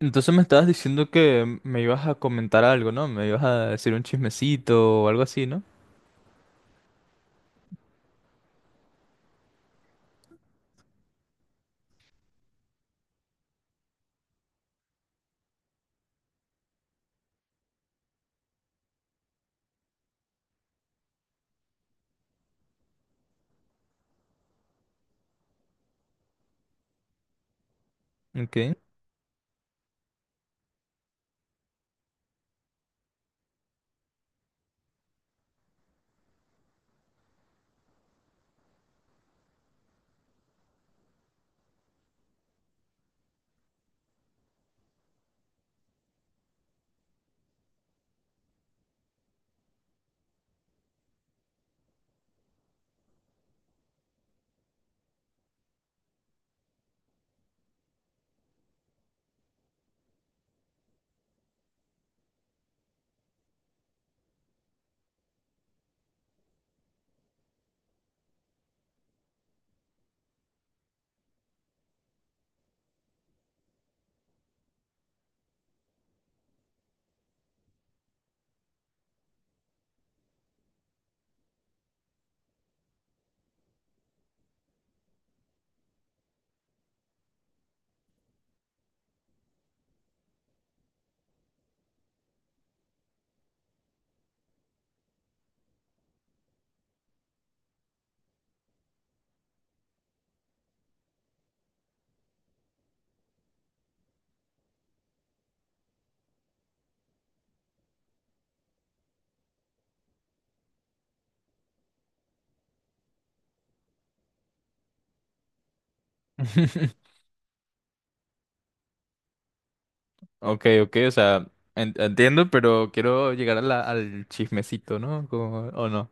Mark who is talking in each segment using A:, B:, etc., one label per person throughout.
A: Entonces me estabas diciendo que me ibas a comentar algo, ¿no? Me ibas a decir un chismecito o algo así, ¿no? Ok. Ok, ok, o sea, entiendo, pero quiero llegar a al chismecito, ¿no? Como... ¿o no?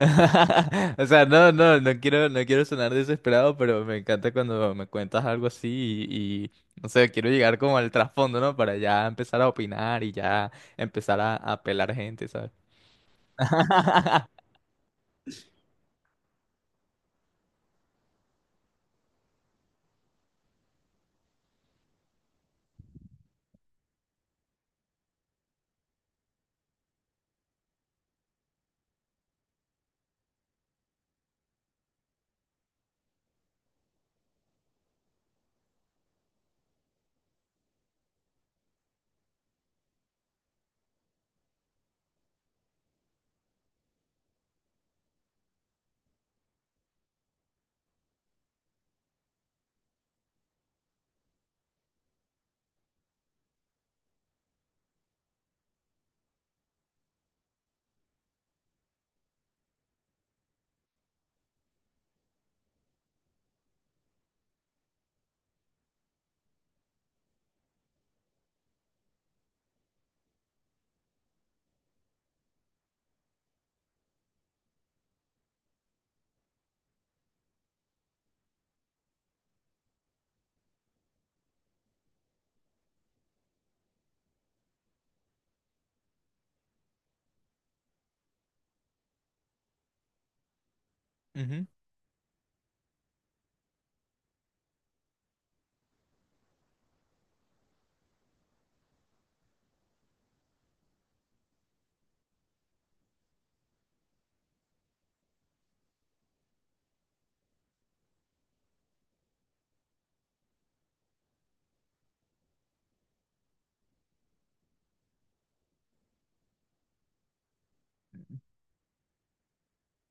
A: O sea, no, no, no quiero sonar desesperado, pero me encanta cuando me cuentas algo así y, y, no sé, quiero llegar como al trasfondo, ¿no? Para ya empezar a opinar y ya empezar a pelar gente, ¿sabes? Ujú.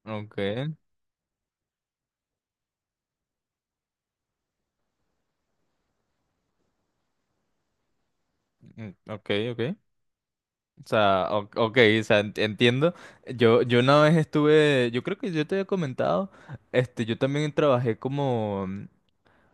A: Ok, mm, ok, ok. O sea, ok, o sea, entiendo. Yo una vez estuve, yo creo que yo te había comentado, este, yo también trabajé como, mm,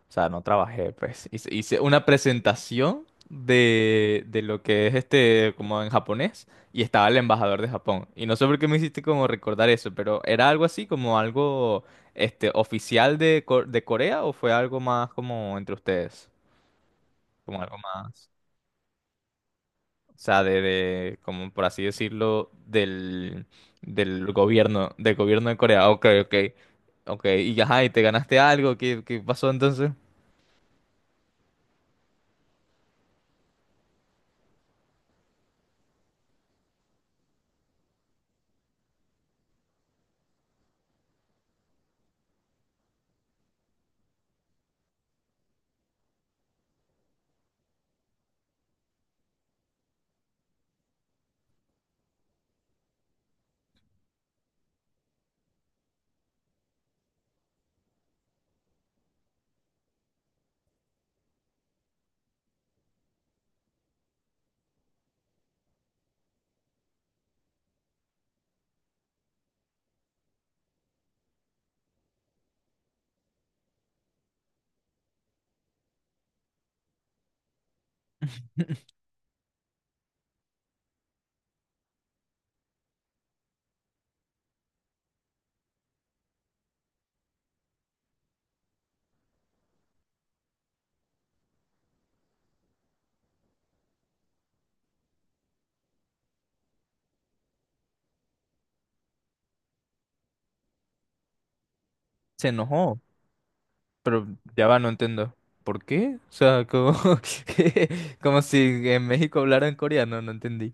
A: o sea, no trabajé, pues, hice una presentación de lo que es este, como en japonés, y estaba el embajador de Japón. Y no sé por qué me hiciste como recordar eso, pero ¿era algo así, como algo, este, oficial de, de Corea o fue algo más como entre ustedes? Como algo más. O sea, como por así decirlo, del, del gobierno de Corea. Ok, ok, ok. Y ajá, y te ganaste algo, ¿qué, qué pasó entonces? Se enojó, pero ya va, no entiendo. ¿Por qué? O sea, como, como si en México hablaran coreano, no entendí.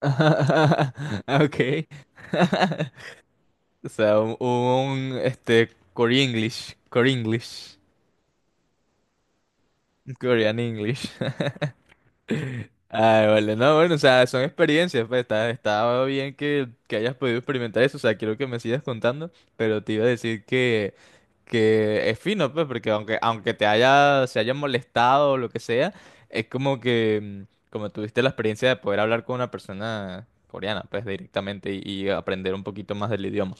A: Ok. O sea, este, Core English, Core English, Korean English. Ay, vale, no, bueno, o sea, son experiencias, pues está, está bien que hayas podido experimentar eso, o sea, quiero que me sigas contando, pero te iba a decir que es fino, pues, porque aunque, aunque te haya, se haya molestado o lo que sea, es como que, mm, como tuviste la experiencia de poder hablar con una persona coreana, pues, directamente y aprender un poquito más del idioma.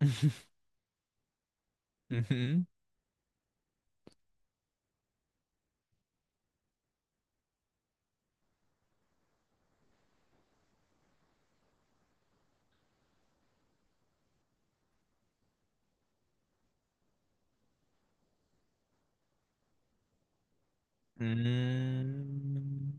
A: Ujú. Mm,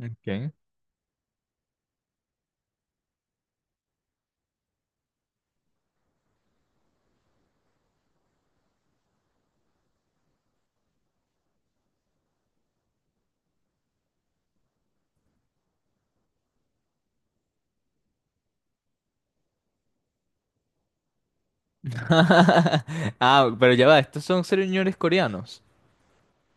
A: ok. Ah, pero ya va, estos son señores coreanos.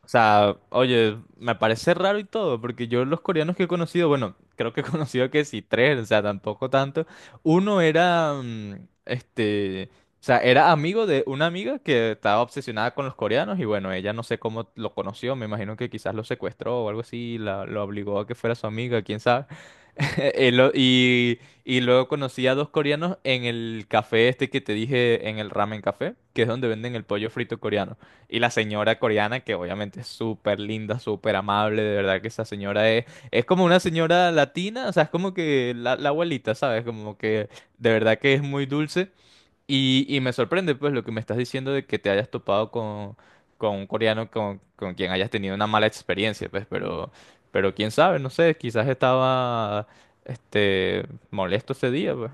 A: O sea, oye, me parece raro y todo, porque yo los coreanos que he conocido, bueno, creo que he conocido que sí, tres, o sea, tampoco tanto. Uno era, mm, este, o sea, era amigo de una amiga que estaba obsesionada con los coreanos y bueno, ella no sé cómo lo conoció, me imagino que quizás lo secuestró o algo así, la, lo obligó a que fuera su amiga, quién sabe. Eh, lo- Y, y luego conocí a dos coreanos en el café este que te dije, en el ramen café, que es donde venden el pollo frito coreano. Y la señora coreana, que obviamente es súper linda, súper amable, de verdad que esa señora es como una señora latina, o sea, es como que la abuelita, ¿sabes? Como que de verdad que es muy dulce. Y me sorprende, pues, lo que me estás diciendo de que te hayas topado con un coreano con quien hayas tenido una mala experiencia, pues, pero quién sabe, no sé, quizás estaba, este, molesto ese día, pues.